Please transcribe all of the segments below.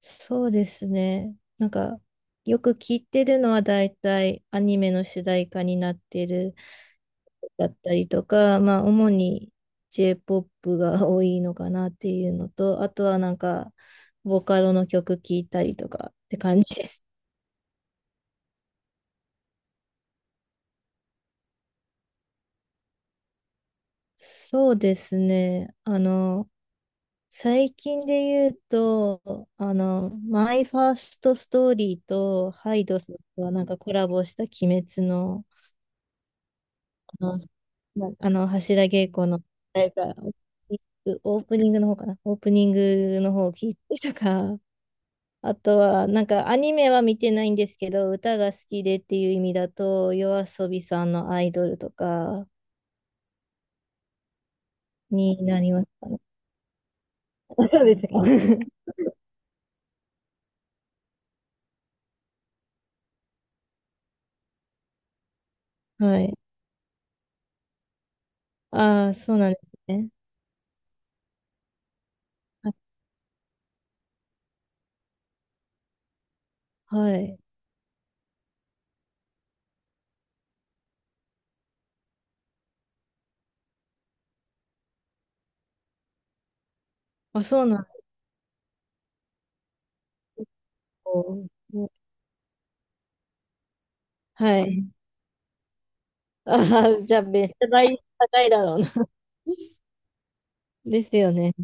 そうですね。よく聞いてるのは大体アニメの主題歌になってるだったりとか、まあ、主に J-POP が多いのかなっていうのと、あとはなんか、ボカロの曲聞いたりとかって感じです。そうですね。最近で言うと、マイファーストストーリーとハイドスがなんかコラボした鬼滅のの、まあの柱稽古の、あれか、オープニングの方かな、オープニングの方を聞いてとか、あとは、なんかアニメは見てないんですけど、歌が好きでっていう意味だと、夜遊びさんのアイドルとかになりますかね。そうですか。はい。ああ、そうなんですね。あ、はい。あ、そうなんだ。おー、はい。ああ、じゃあ、めっちゃ大高いだろうな。ですよね。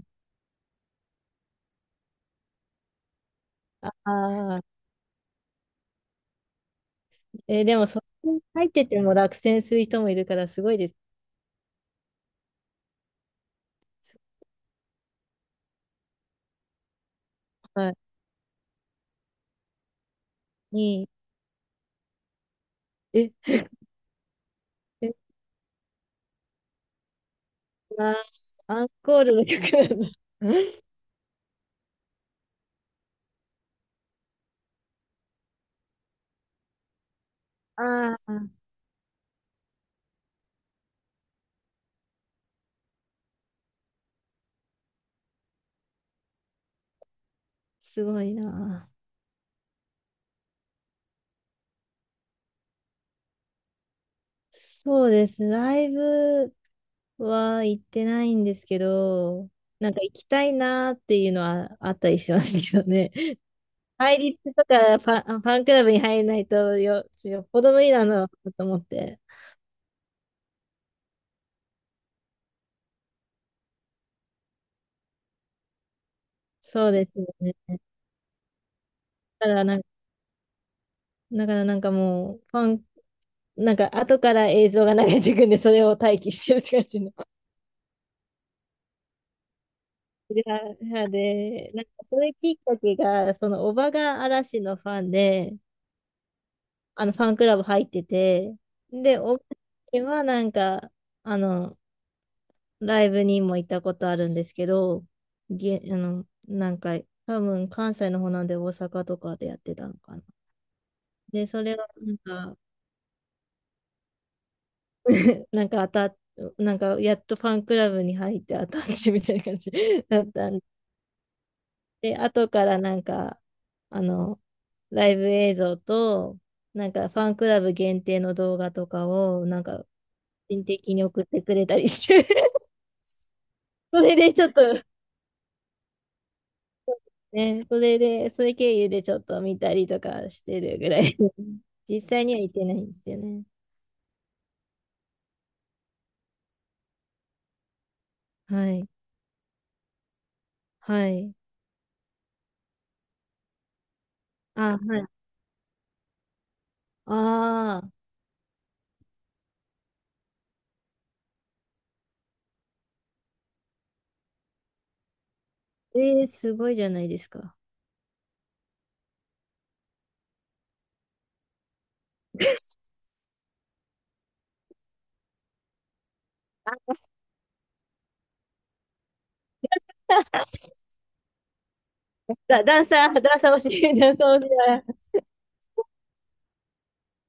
ああ。えー、でも、そこに入ってても落選する人もいるから、すごいです。はい。いいえ、え、あー、アンコールの曲なんだ。ああ、すごいな。そうですね。ライブは行ってないんですけど、なんか行きたいなっていうのはあったりしますけどね。対立とかファンクラブに入れないとよ、よっぽど無理なのだと思って。そうですよね。だからなん、だからなんかもう、ファンなんか後から映像が流れてくんで、それを待機してるって感じの。いやで、でなんかそれきっかけが、そのおばが嵐のファンで、あのファンクラブ入ってて、で、おばはなんか、あの、ライブにも行ったことあるんですけど、げ、あの、なんか、多分関西の方なんで大阪とかでやってたのかな。で、それはなんか、なんか当たっなんかやっとファンクラブに入って当たってみたいな感じ だったんでで、後からなんか、あの、ライブ映像と、なんかファンクラブ限定の動画とかを、個人的に送ってくれたりして それでちょっと、ね、それで、それ経由でちょっと見たりとかしてるぐらい 実際には行ってないんですよね。はい。はい。あ、はい。ああ、えー、すごいじゃないですか。ダンサー欲しい、ダンサー欲しい。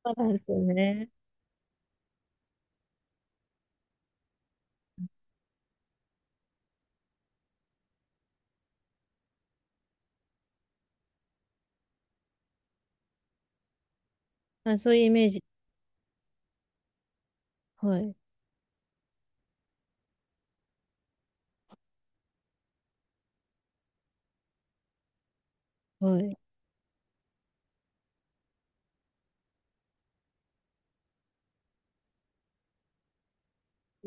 そうなんですよね。あ、そういうイメージ。はい、はい。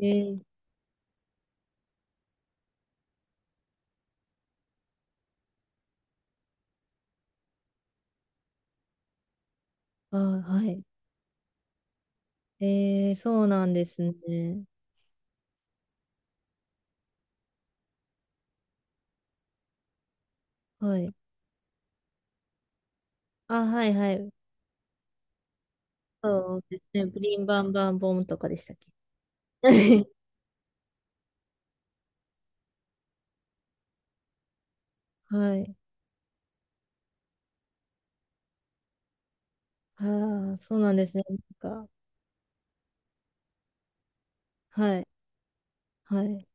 えー、あ、はい。えー、そうなんですね。はい。あ、はい、はい。そうですね。プリンバンバンボンとかでしたっけ？ はい。ああ、そうなんですね。なんか、はい、はい、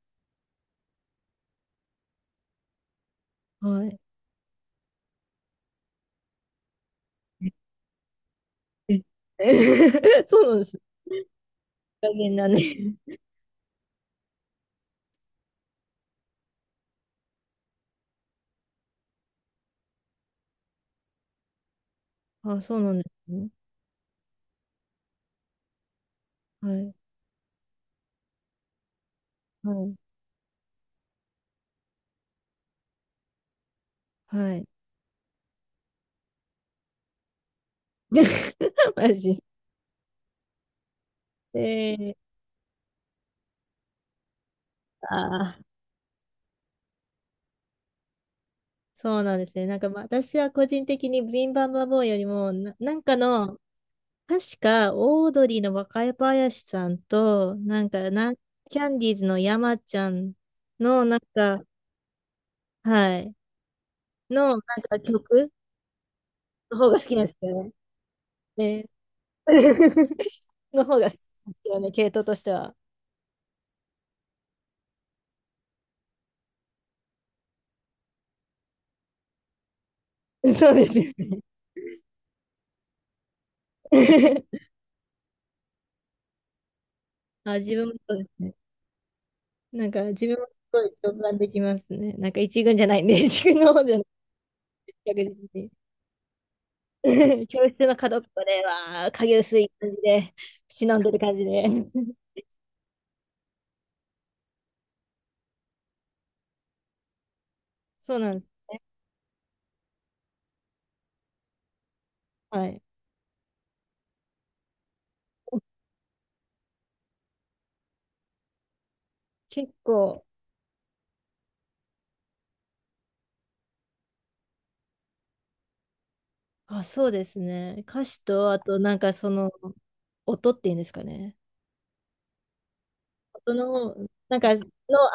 はい。ええ。 そうなんです。大変だね。あ、そうなんですね。はい、はい、はい。マジで。えー、ああ、そうなんですね。まあ、私は個人的にブリンバンバンボーンよりもな、なんかの、確か、オードリーの若林さんと、キャンディーズの山ちゃんの、なんか、はい、の、なんか曲の方が好きなんですよね。ね。 の方が好きなんですよね、系統としては。そうですよね。あ、自分もそうですね。なんか、自分もすごい共感できますね。なんか、一軍じゃないんで、一軍の方じゃない、逆に。教室の角っこで、わー、影薄い感じで、忍んでる感じで。そうなんですね。はい。結構、あ、そうですね。歌詞と、あと、音っていうんですかね。音の、なんか、の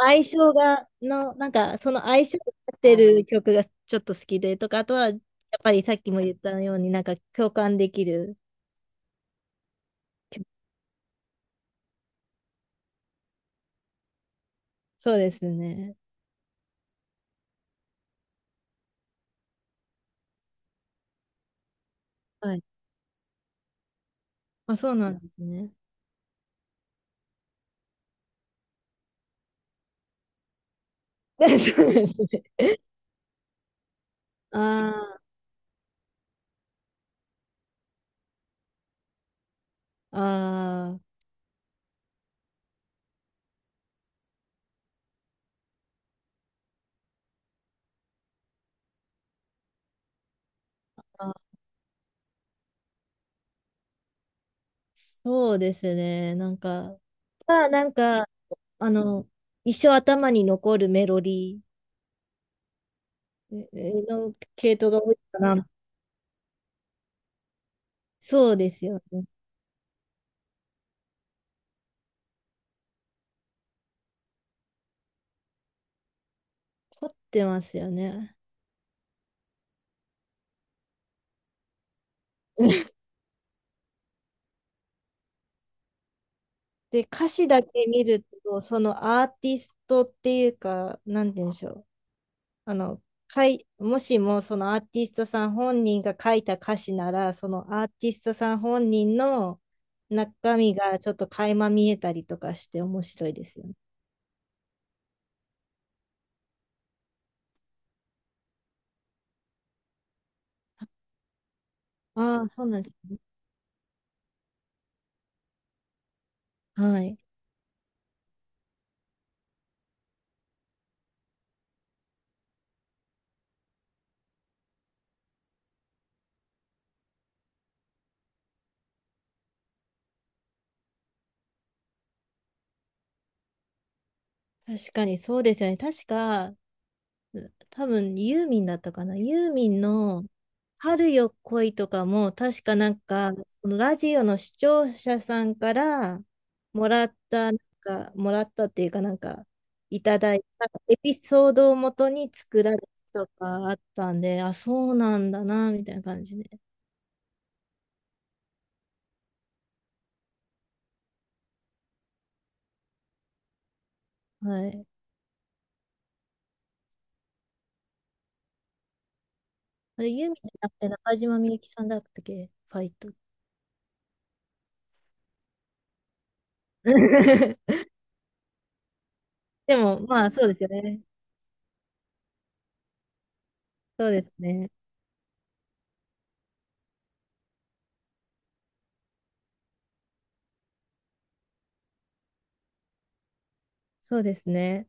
相性が、の、なんか、その相性が合ってる曲がちょっと好きでとか、あとは、やっぱりさっきも言ったように、なんか共感できる曲。そうですね。はい。あ、そうなんですね。そうですね。あー、あー、あ、そうですね。まあ、なんか、あの、一生頭に残るメロディーの系統が多いかな。そうですよね。凝ってますよね。で、歌詞だけ見ると、そのアーティストっていうか、なんて言うんでしょう。あの、もしもそのアーティストさん本人が書いた歌詞なら、そのアーティストさん本人の中身がちょっと垣間見えたりとかして面白いですよね。ああ、そうなんですね。はい。確かにそうですよね。確か、多分ユーミンだったかな。ユーミンの春よ恋とかも、確かなんか、そのラジオの視聴者さんからもらった、もらったっていうかなんか、いただいたエピソードをもとに作られたとかあったんで、あ、そうなんだな、みたいな感じで。はい。あれ、ユーミンじゃなくて中島みゆきさんだったっけファイト。でも、まあ、そうですよね。そうですね。そうですね。